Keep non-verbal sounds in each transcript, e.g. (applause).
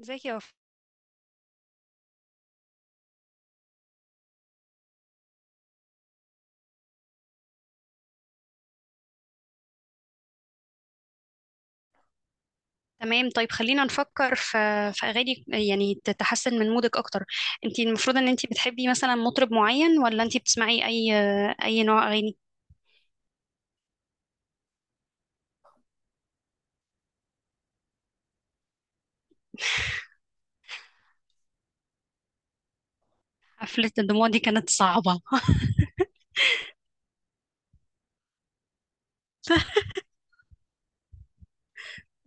ازيك يا وفاء؟ تمام، طيب خلينا نفكر في اغاني يعني تتحسن من مودك اكتر. انت المفروض ان انت بتحبي مثلا مطرب معين، ولا انت بتسمعي اي نوع اغاني؟ حفلة الدموع دي كانت صعبة.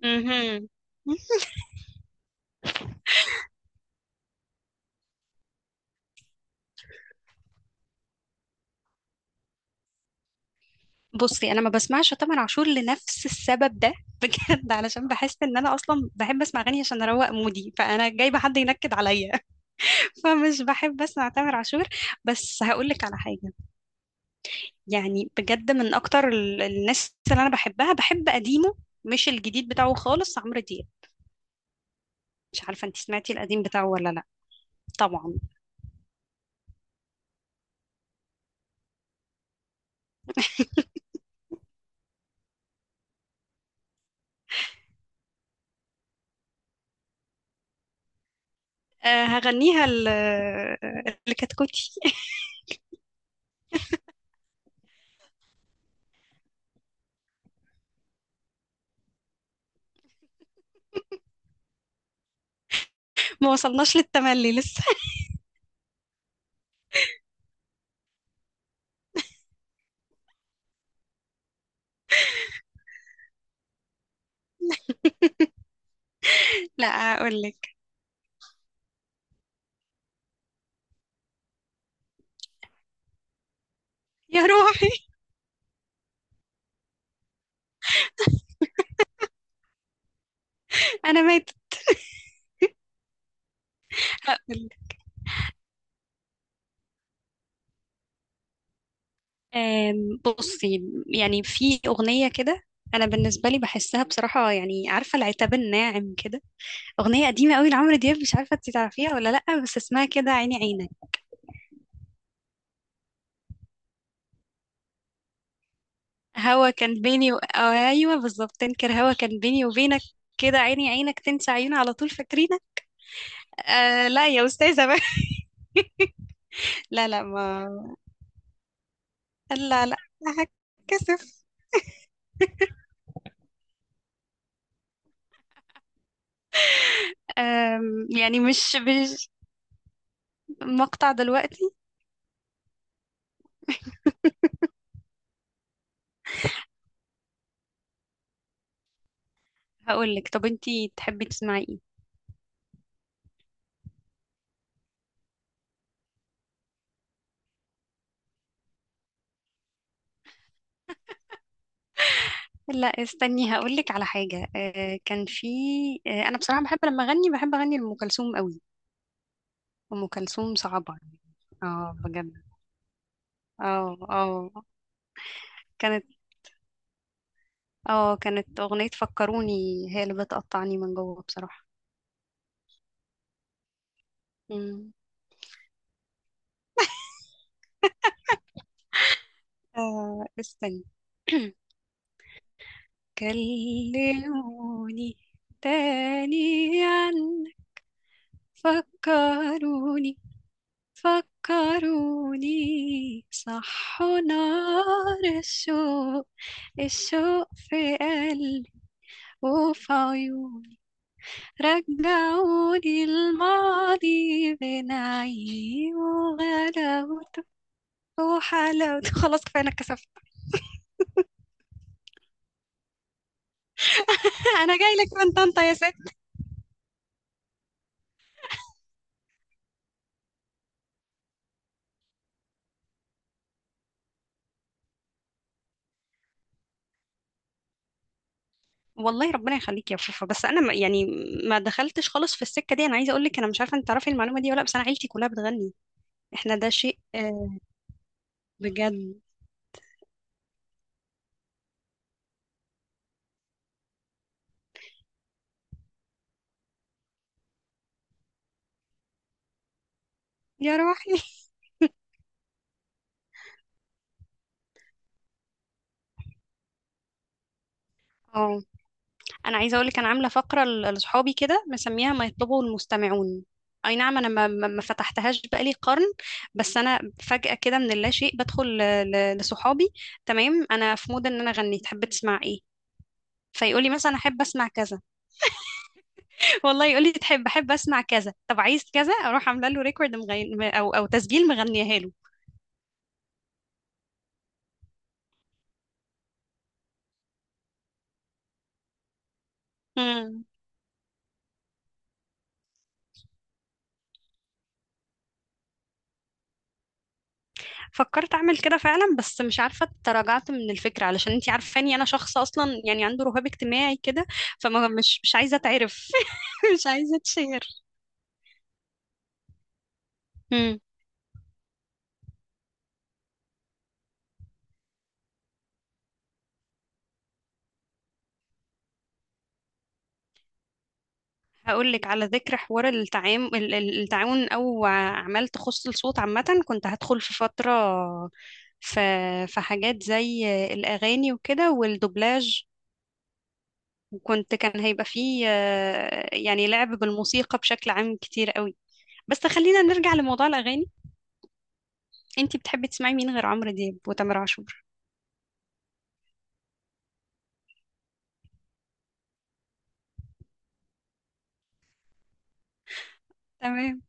مهم. بصي، انا ما بسمعش تامر عاشور لنفس السبب ده (laughs) بجد، علشان بحس ان انا اصلا بحب اسمع اغاني عشان اروق مودي، فانا جايبه حد ينكد عليا. (laughs) فمش بحب اسمع تامر عاشور. بس هقول لك على حاجه. يعني بجد من اكتر الناس اللي انا بحبها بحب قديمه. مش الجديد بتاعه خالص، عمرو دياب. مش عارفه انت سمعتي القديم بتاعه ولا لا؟ طبعا. أه، هغنيها اللي كتكوتي. (laughs) ما وصلناش للتملي لسه. (laughs) لا، اقول لك. يا روحي. انا ماتت. هقولك. بصي يعني في اغنيه كده. انا بالنسبه لي بحسها بصراحه، يعني عارفه العتاب الناعم كده، اغنيه قديمه قوي لعمرو دياب، مش عارفه انت تعرفيها ولا لا، بس اسمها كده عيني عينك. هوا كان بيني و... أو ايوه بالظبط، تنكر، هوا كان بيني وبينك. كده عيني عينك، تنسى عيوني، على طول فاكرينك. آه لا يا استاذه بقى. (laughs) لا، لا، ما. لا، لا، هتكسف. يعني مش مقطع دلوقتي. هقول لك، طب انتي تحبي تسمعي ايه؟ لا، استني، هقول لك على حاجه، آه كان في. آه، انا بصراحه بحب لما اغني، بحب اغني لام كلثوم قوي. ام كلثوم صعبه. اه، بجد. اه، اه. كانت. اه، كانت أغنية فكروني. هي اللي بتقطعني من جوه بصراحة. مم. آه، استني. (clears throat) كلموني تاني عن. فكروني. فكروني صحوا نار الشوق، الشوق في قلبي، وفي عيوني، رجعوني الماضي، بين عيوني وغلاوته. هو حالا. (laughs) خلاص، كفايه، انا اتكسفت. (laughs) انا جاي لك من طنطا يا ست. والله ربنا يخليك يا فوفا، بس انا ما، يعني. ما دخلتش خالص في السكه دي. انا عايزه اقول لك، انا مش عارفه انت تعرفي المعلومه دي ولا لأ، بس انا عيلتي كلها بتغني. احنا ده شيء، آه. بجد. يا روحي. (laughs) اه، انا عايزه اقول لك، انا عامله فقره لاصحابي كده، مسميها ما يطلبه المستمعون. اي نعم، انا ما فتحتهاش بقالي قرن. بس انا. فجاه كده من اللاشيء بدخل لصحابي. تمام، انا في مود ان انا اغني، تحب تسمع ايه؟ فيقولي مثلا احب اسمع كذا. والله يقول لي تحب، بحب اسمع كذا، طب عايز كذا، اروح عامله له ريكورد مغني او تسجيل مغنيها له. مم. فكرت اعمل كده فعلا، بس مش عارفه تراجعت من الفكره، علشان انتي عارفاني انا شخص اصلا يعني عنده رهاب اجتماعي كده. فما، مش عايزه اتعرف. (laughs) مش عايزه اتشير. مم. هقول لك، على ذكر حوار التعاون او اعمال تخص الصوت عامه، كنت هدخل في فتره في في حاجات زي الاغاني وكده والدوبلاج، وكنت كان هيبقى فيه يعني لعب بالموسيقى بشكل عام كتير قوي. بس خلينا نرجع لموضوع الأغاني. انتي بتحبي تسمعي مين غير عمرو دياب وتامر عاشور؟ تمام.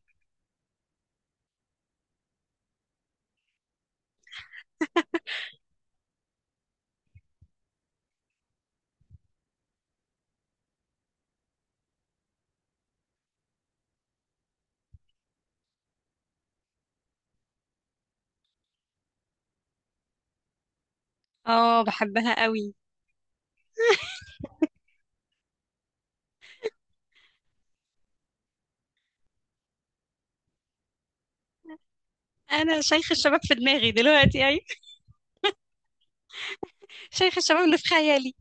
اه، بحبها قوي. انا شيخ الشباب في دماغي دلوقتي اي. شيخ الشباب اللي في خيالي.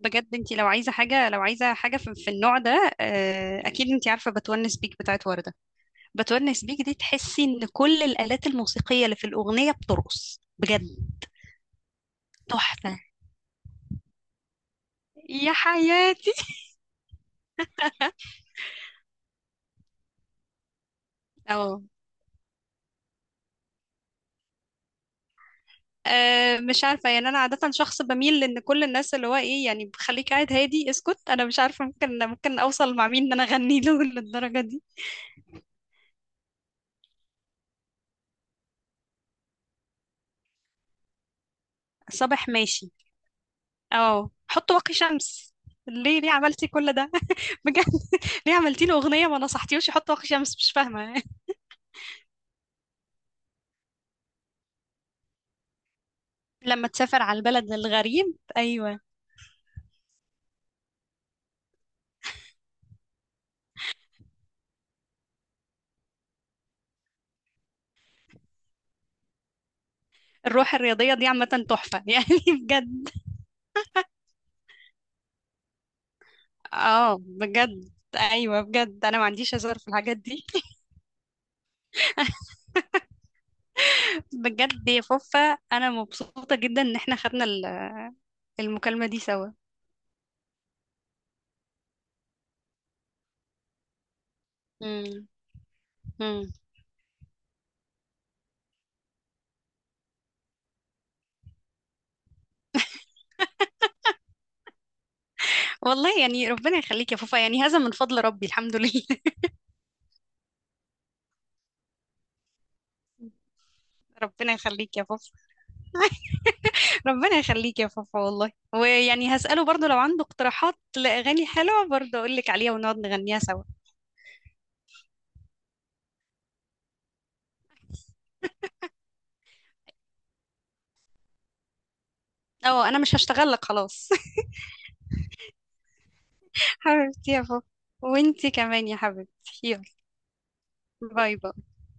بجد، انتي لو عايزة حاجة في النوع ده، اكيد انتي عارفة بتونس بيك بتاعت وردة. بتونس بيك دي تحسي ان كل الآلات الموسيقية اللي في الأغنية بترقص بجد. تحفة. يا حياتي. اه. أه، مش عارفة، يعني أنا عادة شخص بميل لأن كل الناس اللي هو إيه، يعني خليك قاعد هادي، اسكت. أنا مش عارفة ممكن أوصل مع مين إن أنا أغني له (laughs) للدرجة دي. صباح ماشي. أه، حط واقي شمس. ليه عملتي كل ده؟ (laughs) بجد. ليه عملتي له أغنية ما نصحتيهوش يحط واقي شمس؟ مش فاهمة. (laughs) لما تسافر على البلد الغريب، أيوه. الروح الرياضية دي عامة. تحفة. (laughs) يعني بجد. أه، بجد. أيوه، بجد، أنا ما عنديش هزار في الحاجات دي. بجد يا فوفا. انا مبسوطه جدا ان احنا خدنا المكالمه دي سوا. مم. مم. والله يعني ربنا يخليك يا فوفا، يعني هذا من فضل ربي، الحمد لله. (laughs) ربنا يخليك يا فوفا. ربنا يخليك يا فوفا والله، ويعني هسأله برضو لو عنده اقتراحات لأغاني حلوة، برضو أقول لك عليها ونقعد نغنيها سوا. اه، أنا مش هشتغل لك خلاص. (laughs) حبيبتي يا فوفا. وانتي كمان يا حبيبتي، يلا. باي باي.